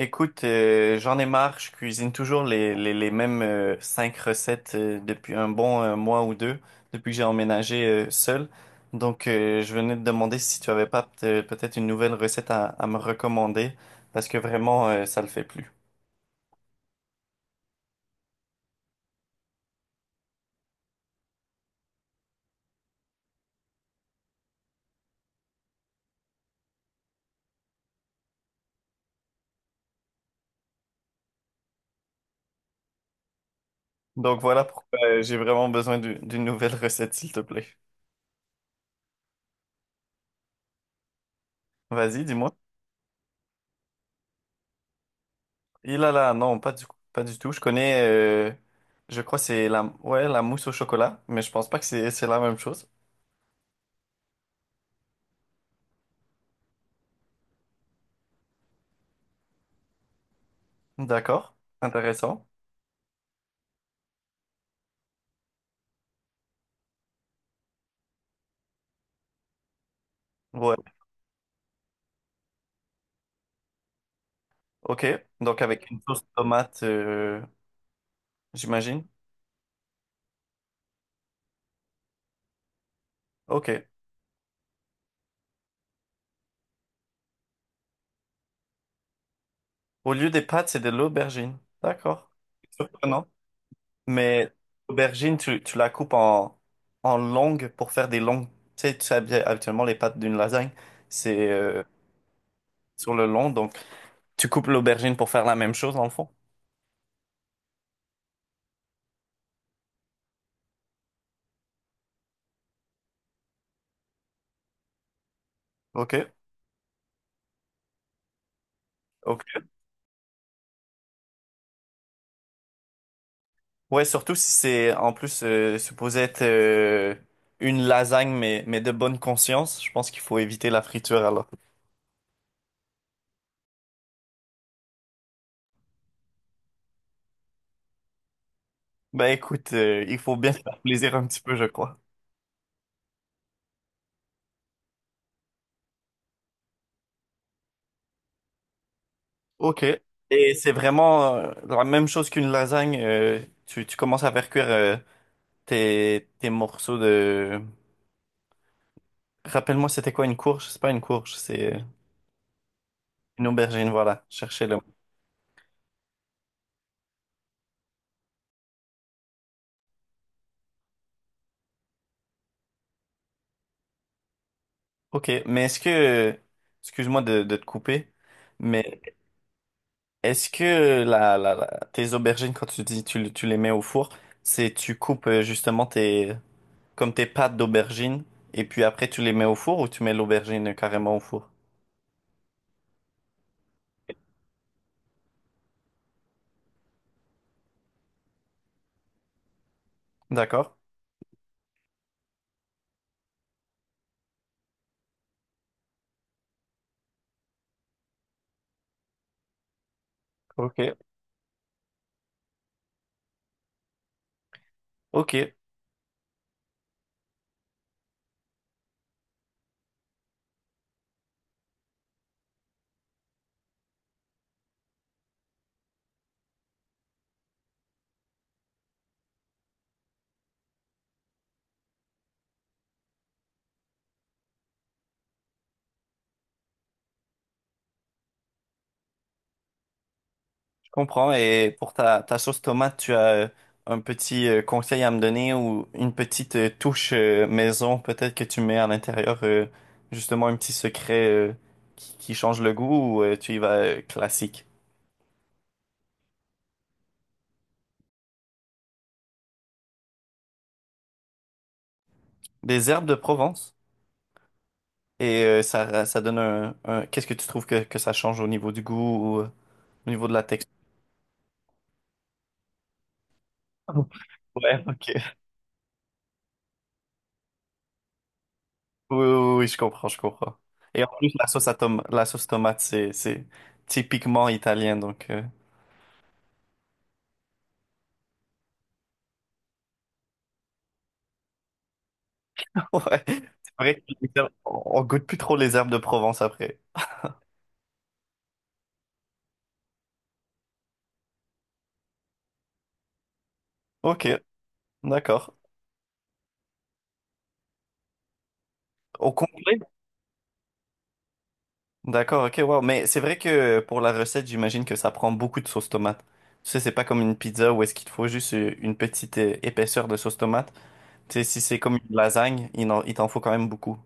J'en ai marre, je cuisine toujours les mêmes cinq recettes depuis un bon mois ou deux, depuis que j'ai emménagé seul. Je venais te demander si tu avais pas peut-être une nouvelle recette à me recommander, parce que vraiment, ça le fait plus. Donc, voilà pourquoi j'ai vraiment besoin d'une nouvelle recette, s'il te plaît. Vas-y, dis-moi. Il là, non, pas du tout. Je connais, je crois que c'est ouais, la mousse au chocolat, mais je pense pas que c'est la même chose. D'accord, intéressant. Ouais, ok. Donc avec une sauce tomate, j'imagine. Ok. Au lieu des pâtes, c'est de l'aubergine. D'accord. Surprenant. Mais l'aubergine, tu la coupes en, en longues pour faire des longues. Tu sais bien, habituellement les pâtes d'une lasagne, c'est sur le long. Donc tu coupes l'aubergine pour faire la même chose dans le fond. Ok. Ok. Ouais, surtout si c'est en plus supposé être une lasagne, mais de bonne conscience, je pense qu'il faut éviter la friture alors. Ben écoute, il faut bien se faire plaisir un petit peu, je crois. OK. Et c'est vraiment la même chose qu'une lasagne. Tu tu commences à faire cuire tes morceaux de… Rappelle-moi, c'était quoi une courge? C'est pas une courge, c'est une aubergine, voilà. Cherchez-le. OK, mais est-ce que… Excuse-moi de te couper, mais est-ce que tes aubergines, quand tu dis tu les mets au four, c'est tu coupes justement tes, comme tes pâtes d'aubergine, et puis après tu les mets au four ou tu mets l'aubergine carrément au four? D'accord. Ok. Ok, je comprends. Et pour ta sauce tomate, tu as un petit conseil à me donner ou une petite touche maison peut-être que tu mets à l'intérieur, justement un petit secret qui change le goût ou tu y vas classique? Des herbes de Provence et ça donne Qu'est-ce que tu trouves que ça change au niveau du goût ou au niveau de la texture? Ouais, ok. Oui, oui, oui, oui, je comprends, je comprends. Et en plus, la sauce tomate, c'est typiquement italien, donc ouais. C'est vrai que on goûte plus trop les herbes de Provence après. Ok, d'accord. Au complet? D'accord, ok, wow. Mais c'est vrai que pour la recette, j'imagine que ça prend beaucoup de sauce tomate. Tu sais, c'est pas comme une pizza où est-ce qu'il te faut juste une petite épaisseur de sauce tomate. Tu sais, si c'est comme une lasagne, il t'en faut quand même beaucoup.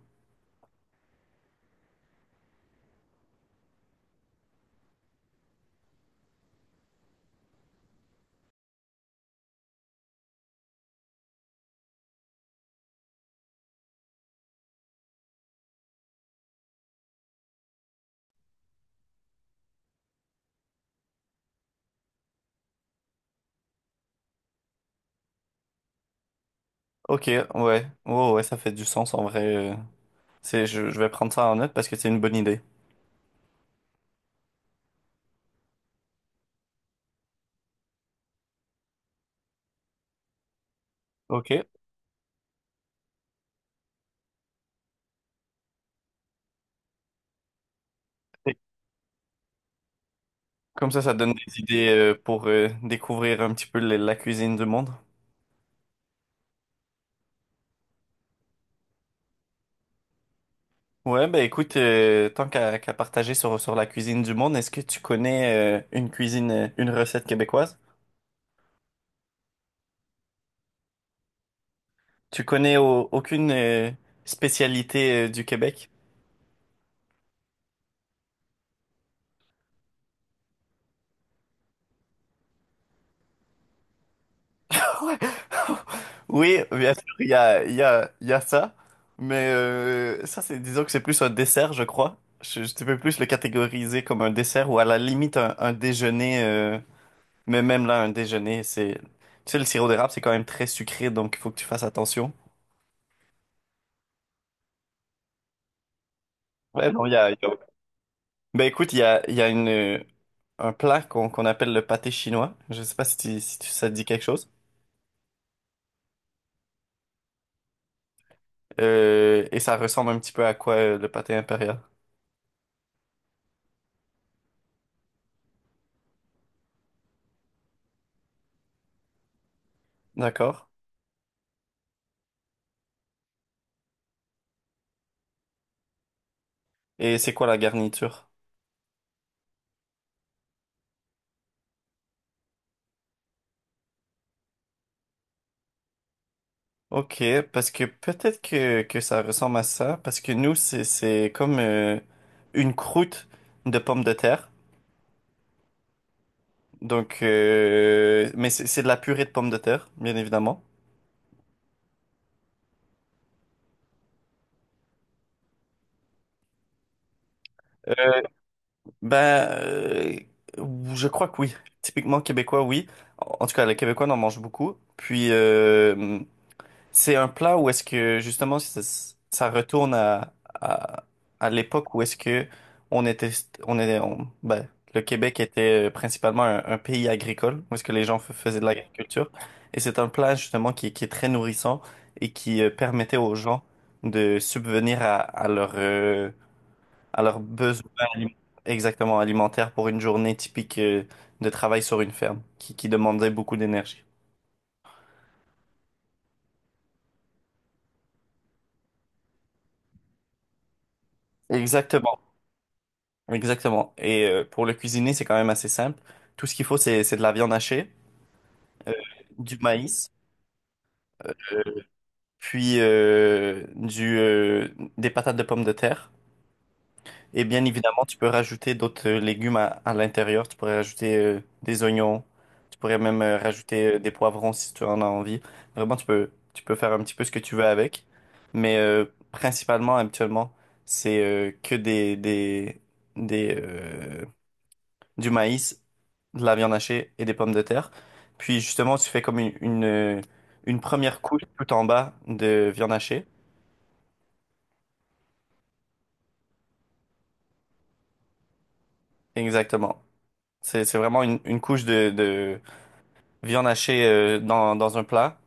Ok, ouais. Ouais, ouais, ça fait du sens en vrai. euh. C'est, je vais prendre ça en note parce que c'est une bonne idée. Ok. Et- Comme ça donne des idées pour découvrir un petit peu la cuisine du monde. Ouais, ben écoute, tant qu'à partager sur la cuisine du monde, est-ce que tu connais une cuisine, une recette québécoise? Tu connais aucune spécialité du Québec? Oui, bien sûr, il y a ça, mais c'est, disons que c'est plus un dessert, je crois. Je peux plus le catégoriser comme un dessert ou à la limite un déjeuner Mais même là, un déjeuner, c'est… Tu sais, le sirop d'érable, c'est quand même très sucré, donc il faut que tu fasses attention. Ouais, non, il y a… Ben écoute, il y a une, un plat qu'on appelle le pâté chinois. Je sais pas si ça te dit quelque chose. Et ça ressemble un petit peu à quoi le pâté impérial. D'accord. Et c'est quoi la garniture? Ok, parce que peut-être que ça ressemble à ça, parce que nous, c'est comme une croûte de pommes de terre. Donc, mais c'est de la purée de pommes de terre, bien évidemment. Euh, ben, euh, je crois que oui. Typiquement québécois, oui. En en tout cas, les Québécois en mangent beaucoup. Puis, c'est un plat où est-ce que, justement, ça retourne à, à l'époque où est-ce que on était, on est, on- ben, le Québec était principalement un pays agricole, où est-ce que les gens faisaient de l'agriculture. Et c'est un plat, justement, qui est très nourrissant et qui permettait aux gens de subvenir à leur alors, exactement alimentaire pour une journée typique de travail sur une ferme qui demandait beaucoup d'énergie. Exactement, exactement. Et pour le cuisiner, c'est quand même assez simple. Tout ce qu'il faut, c'est de la viande hachée, euh, du maïs, euh, puis euh, du, euh, des patates de pommes de terre. Et bien évidemment, tu peux rajouter d'autres légumes à l'intérieur. Tu pourrais rajouter des oignons. Tu pourrais même rajouter des poivrons si tu en as envie. Vraiment, tu peux faire un petit peu ce que tu veux avec. Mais euh, principalement, habituellement, c'est que des, du maïs, de la viande hachée et des pommes de terre. Puis justement, tu fais comme une première couche tout en bas de viande hachée. Exactement. C'est vraiment une couche de, viande hachée dans un plat.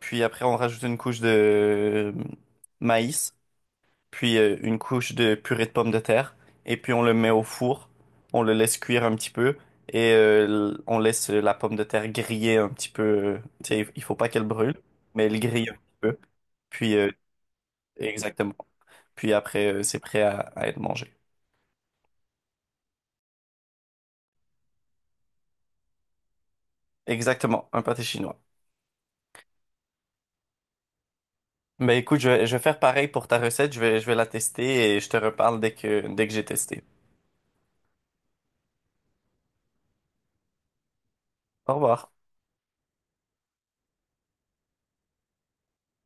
Puis après, on rajoute une couche de maïs, puis une couche de purée de pommes de terre. Et puis on le met au four. On le laisse cuire un petit peu. Et on laisse la pomme de terre griller un petit peu. Tu sais, il faut pas qu'elle brûle, mais elle grille un petit peu. Puis exactement. Puis après, c'est prêt à être mangé. Exactement, un pâté chinois. Mais écoute, je vais faire pareil pour ta recette. Je vais la tester et je te reparle dès que j'ai testé. Au revoir.